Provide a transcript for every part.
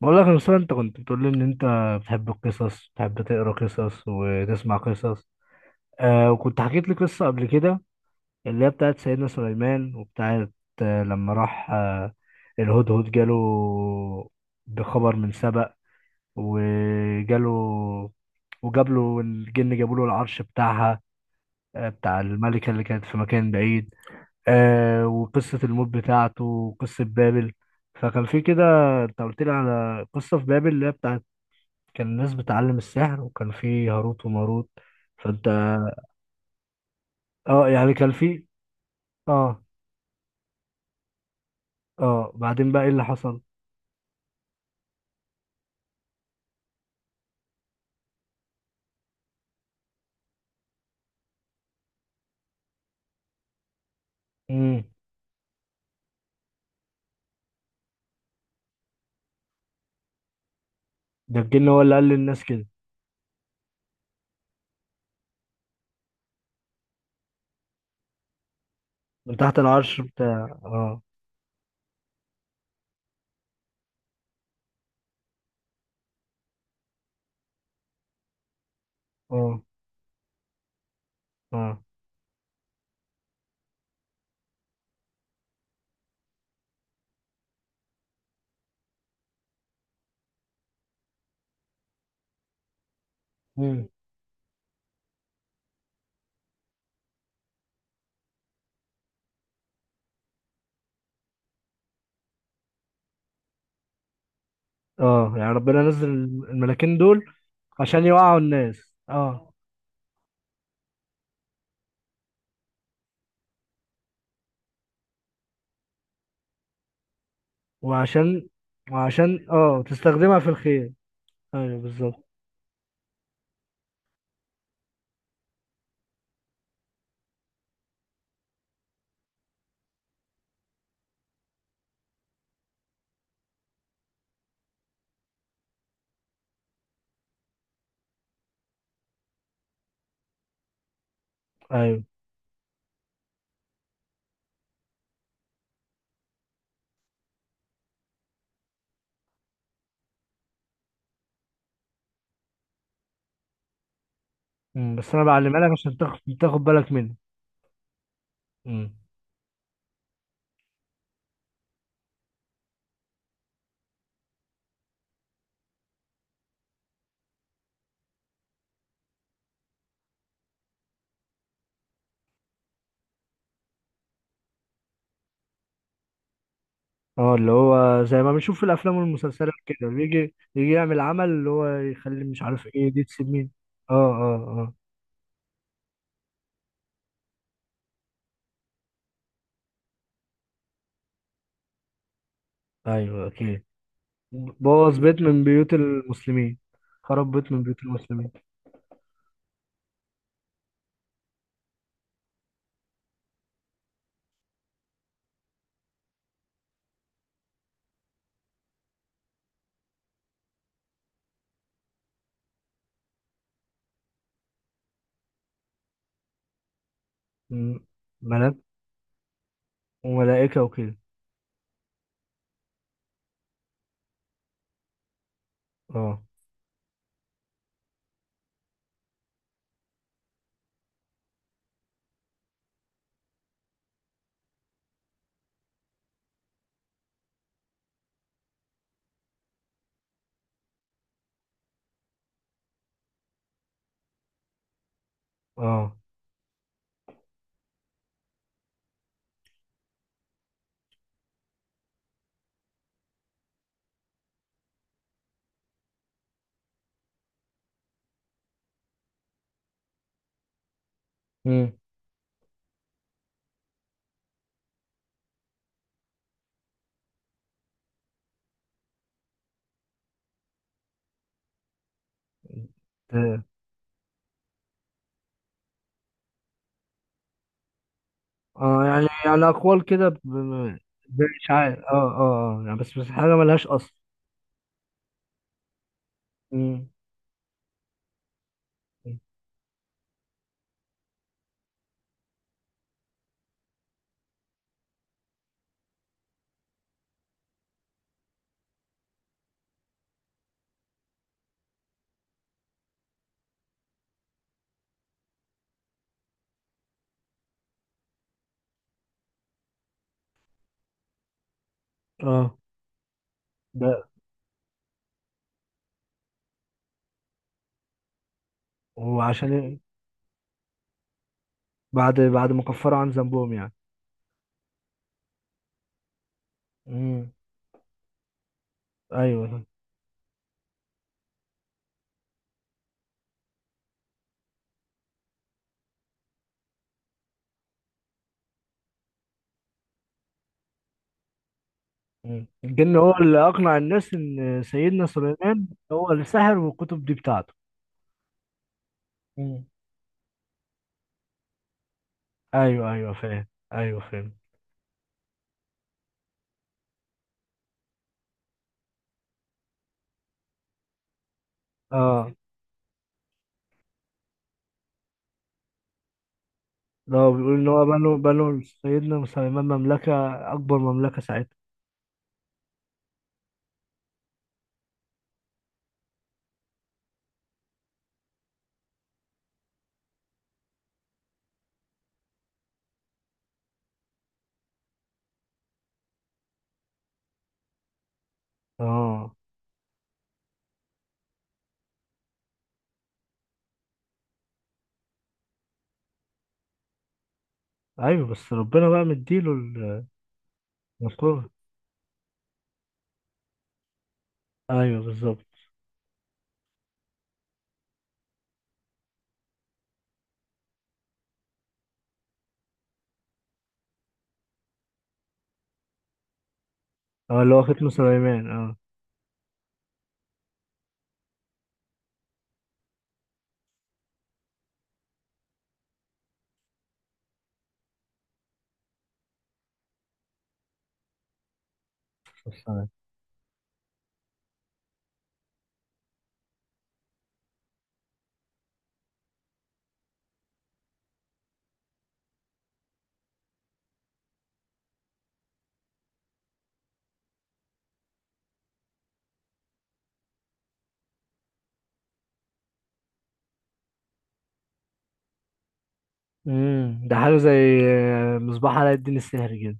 بقول لك يا أستاذ، انت كنت بتقول لي ان انت بتحب القصص، بتحب تقرا قصص وتسمع قصص. وكنت حكيت لي قصة قبل كده اللي هي بتاعت سيدنا سليمان وبتاعت لما راح الهدهد جاله بخبر من سبأ وجاله، وجاب له الجن، جابوا له العرش بتاعها، بتاع الملكة اللي كانت في مكان بعيد. وقصة الموت بتاعته وقصة بابل، فكان في كده. انت قلت لي على قصة في بابل اللي هي بتاعت كان الناس بتعلم السحر، وكان في هاروت وماروت. فانت اه يعني كان في. اه. اه بعدين بقى ايه اللي حصل؟ امم. ده الجن هو اللي قال للناس كده؟ من تحت العرش بتاع، اه. اه. اه. امم. اه، يعني ربنا نزل الملاكين دول عشان يوعوا الناس، اه. وعشان، وعشان تستخدمها في الخير. ايوه بالظبط. ايوه. مم. بس انا بعلمها لك عشان تاخد بالك منها. مم. اه اللي هو زي ما بنشوف في الافلام والمسلسلات كده، بيجي يعمل عمل اللي هو يخلي، مش عارف ايه، دي تسيب مين. اه اه اه. ايوه اكيد. بوظ بيت من بيوت المسلمين، خرب بيت من بيوت المسلمين. مم. ملاك، وملائكة وكده. اه. اه. مم. اه. يعني اقوال كده، زي اشاعات. اه اه اه يعني، بس حاجة ملهاش اصل. مم. اه. ده. وعشان إيه؟ بعد ما كفروا عن ذنبهم يعني. مم. ايوه. مم. الجن هو اللي اقنع الناس ان سيدنا سليمان هو اللي سحر، والكتب دي بتاعته. مم. ايوه ايوه، فاهم. ايوه فاهم. اه، لو بيقول ان هو بنوا سيدنا سليمان مملكه، اكبر مملكه ساعتها. اه ايوه، بس ربنا بقى مديله ال-، القوه. ايوه بالظبط. اه اللي هو ختم سليمان، اه. السلام. ده حاجه زي، مصباح علاء الدين السحري كده.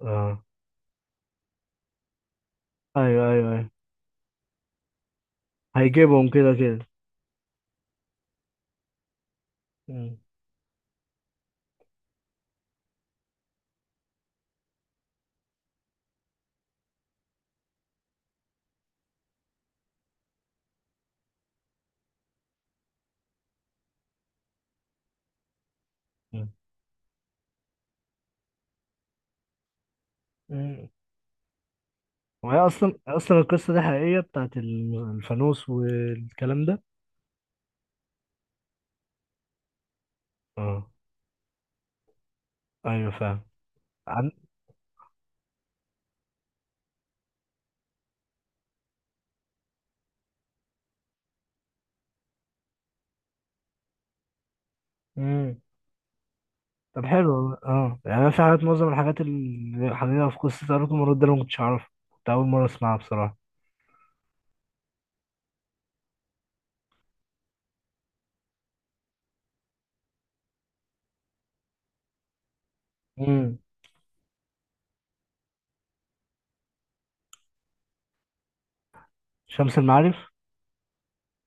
اه. ايوه ايوه ايوه. هيجيبهم كده كده. مم. مم. وهي اصلا القصه دي حقيقيه، بتاعت الفانوس والكلام ده؟ اه. ايوه فاهم. عن... امم. طب حلو والله. اه يعني انا في حاجات، معظم الحاجات اللي حقيقيه في قصه اروك المرود ده أنا ما كنتش اعرفها، كنت اول مره اسمعها بصراحه. امم. شمس المعارف.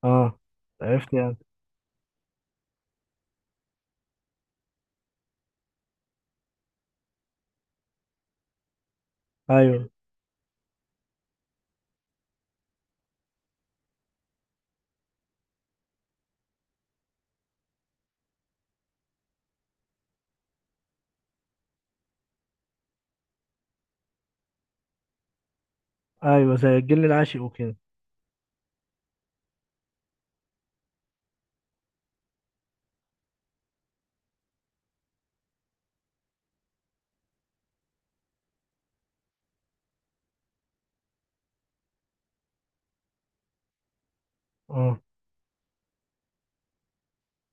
اه. عرفت يعني. ايوه ايوه، زي الجن العاشق وكده. اه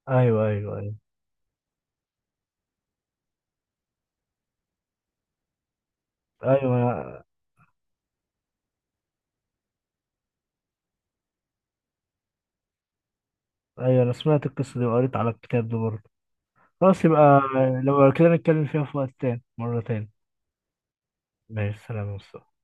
ايوه ايوه ايوه. ايوه انا. ايوه انا سمعت القصه دي وقريت على الكتاب ده برضه. خلاص يبقى، لو كده نتكلم فيها في وقت تاني، مره تاني. ماشي، سلام يا مصطفى.